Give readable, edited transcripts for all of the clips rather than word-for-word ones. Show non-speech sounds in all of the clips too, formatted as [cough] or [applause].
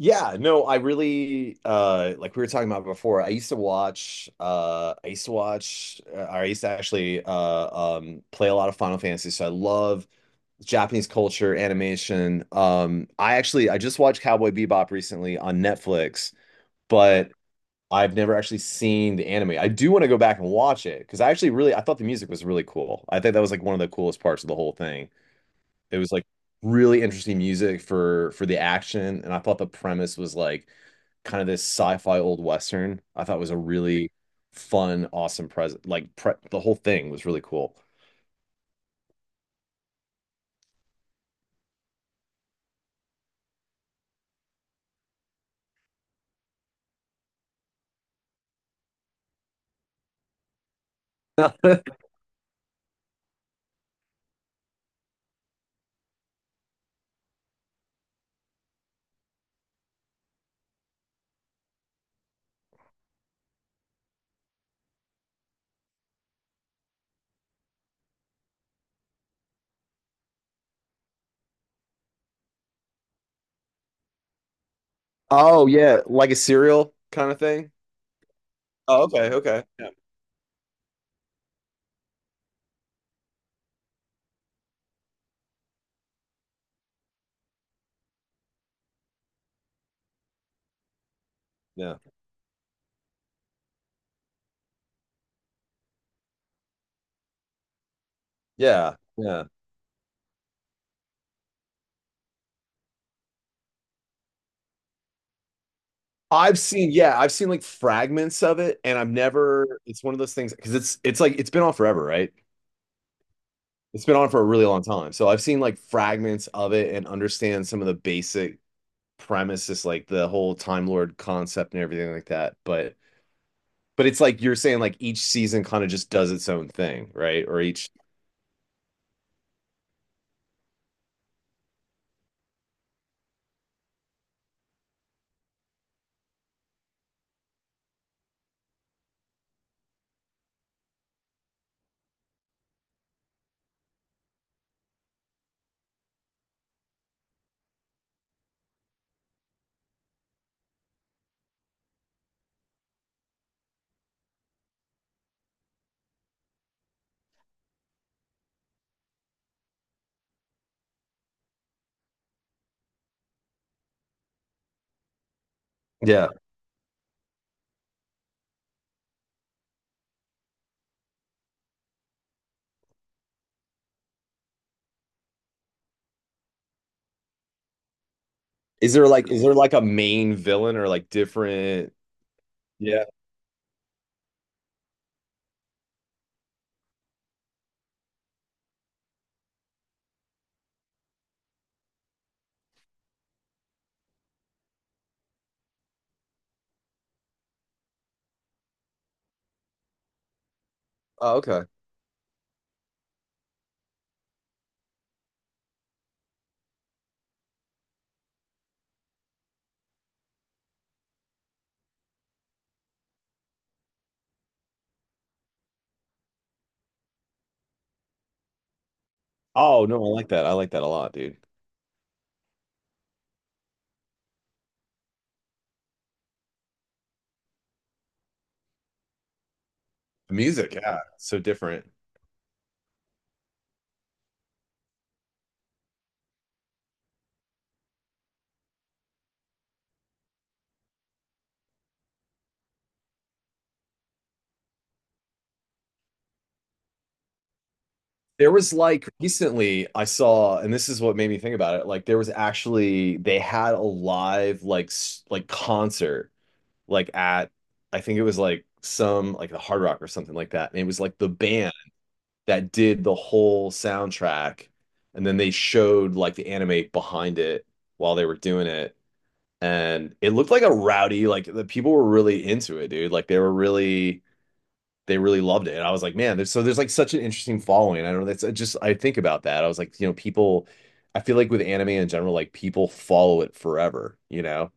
Yeah, no, I really like we were talking about before. I used to actually play a lot of Final Fantasy. So I love Japanese culture, animation. I just watched Cowboy Bebop recently on Netflix, but I've never actually seen the anime. I do want to go back and watch it because I actually really I thought the music was really cool. I think that was like one of the coolest parts of the whole thing. It was like really interesting music for the action, and I thought the premise was like kind of this sci-fi old western. I thought it was a really fun, awesome present. The whole thing was really cool. [laughs] Oh yeah, like a serial kind of thing. Oh, okay, okay. Yeah. Yeah. Yeah. Yeah. I've seen, yeah, I've seen like fragments of it, and I've never. It's one of those things because it's like it's been on forever, right? It's been on for a really long time, so I've seen like fragments of it and understand some of the basic premise is like the whole Time Lord concept and everything like that. But it's like you're saying like each season kind of just does its own thing, right? Or each yeah. Is there like a main villain or like different? Yeah. Oh, okay. Oh no, I like that. I like that a lot, dude. The music, yeah, so different. There was like recently I saw, and this is what made me think about it. Like there was actually they had a live like like concert like at I think it was like some like the Hard Rock or something like that. And it was like the band that did the whole soundtrack and then they showed like the anime behind it while they were doing it and it looked like a rowdy like the people were really into it, dude, like they were really they really loved it. And I was like, man, there's there's like such an interesting following. I don't know, that's I just I think about that. I was like, people, I feel like with anime in general, like people follow it forever.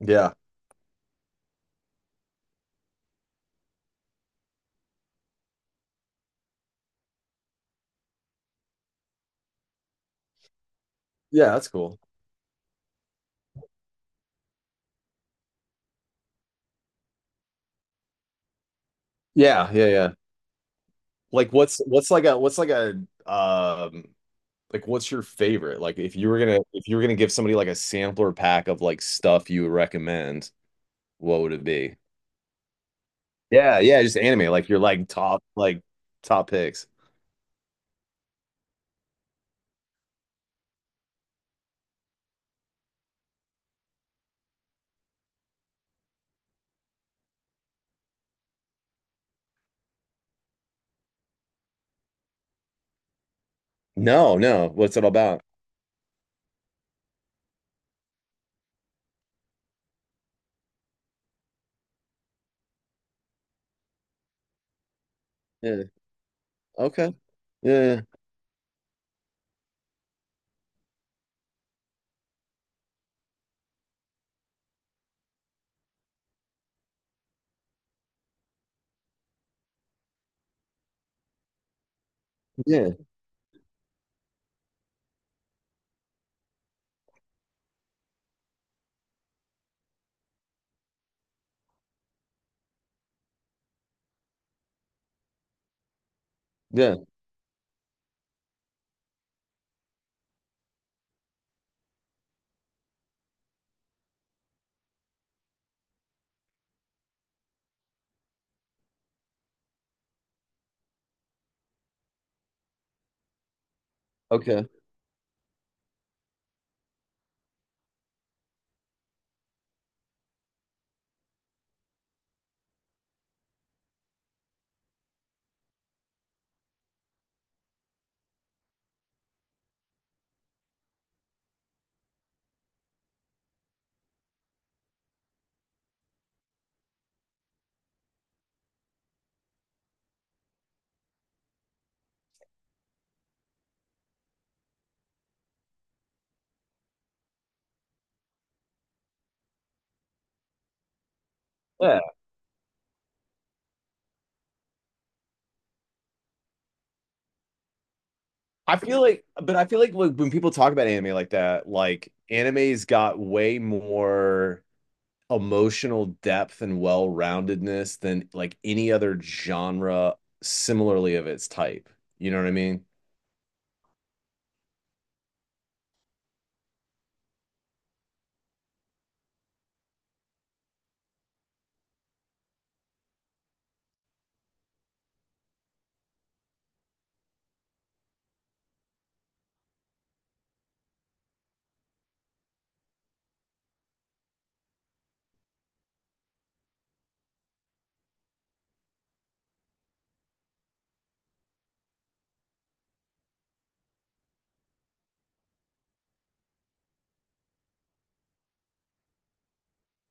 Yeah, yeah, that's cool. Yeah, yeah, yeah. Like what's like a um like what's your favorite? Like if you were gonna give somebody like a sampler pack of like stuff you would recommend, what would it be? Yeah, yeah, just anime. Like your like top picks. No, no. What's it all about? Yeah. Okay. Yeah. Yeah. Yeah. Okay. Yeah. I feel like when people talk about anime like that, like anime's got way more emotional depth and well-roundedness than like any other genre similarly of its type. You know what I mean?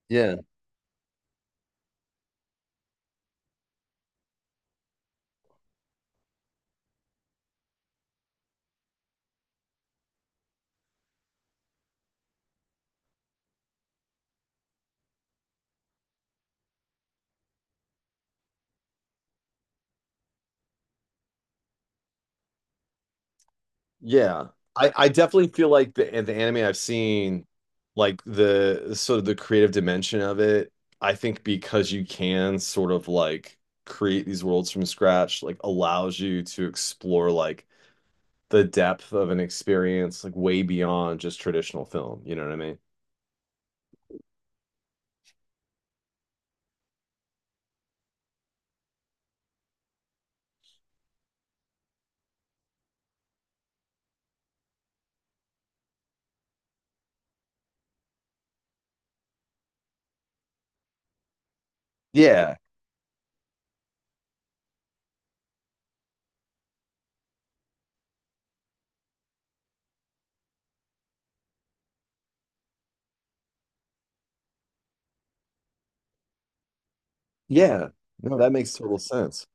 Yeah. Yeah. I definitely feel like the anime I've seen, like the sort of the creative dimension of it, I think because you can sort of like create these worlds from scratch, like allows you to explore like the depth of an experience like way beyond just traditional film. You know what I mean? Yeah. Yeah. No, that makes total sense.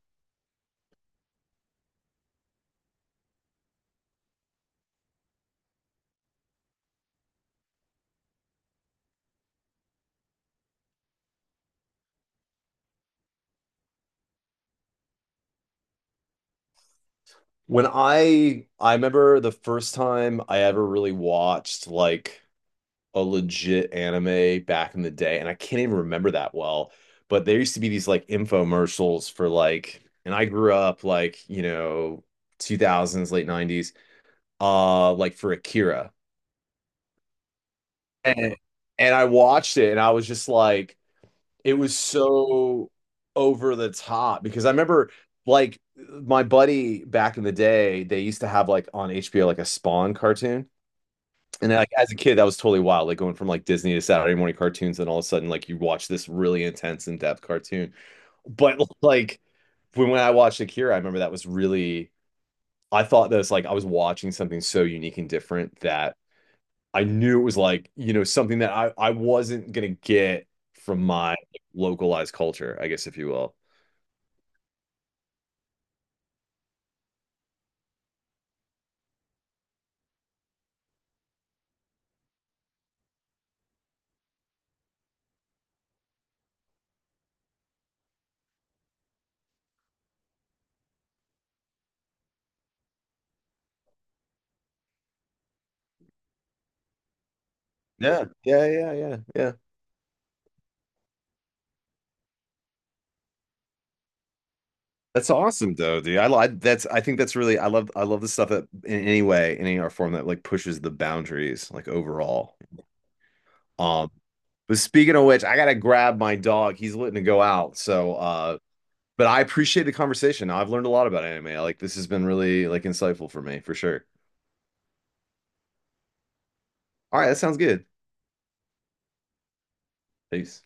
When I remember the first time I ever really watched like a legit anime back in the day, and I can't even remember that well, but there used to be these like infomercials for like, and I grew up like, you know, 2000s, late 90s, like for Akira. And I watched it and I was just like, it was so over the top because I remember like my buddy back in the day, they used to have like on HBO like a Spawn cartoon. And like as a kid, that was totally wild. Like going from like Disney to Saturday morning cartoons, and all of a sudden, like you watch this really intense, in-depth cartoon. But like when I watched Akira, I remember that was really I thought that was like I was watching something so unique and different that I knew it was like, you know, something that I wasn't gonna get from my like localized culture, I guess, if you will. Yeah, yeah, yeah, yeah, yeah. That's awesome though, dude. That's I think that's really I love the stuff that in any way, in any art form, that like pushes the boundaries like overall. Um but speaking of which, I gotta grab my dog. He's letting to go out. So but I appreciate the conversation. I've learned a lot about anime. Like this has been really like insightful for me for sure. All right, that sounds good. Peace.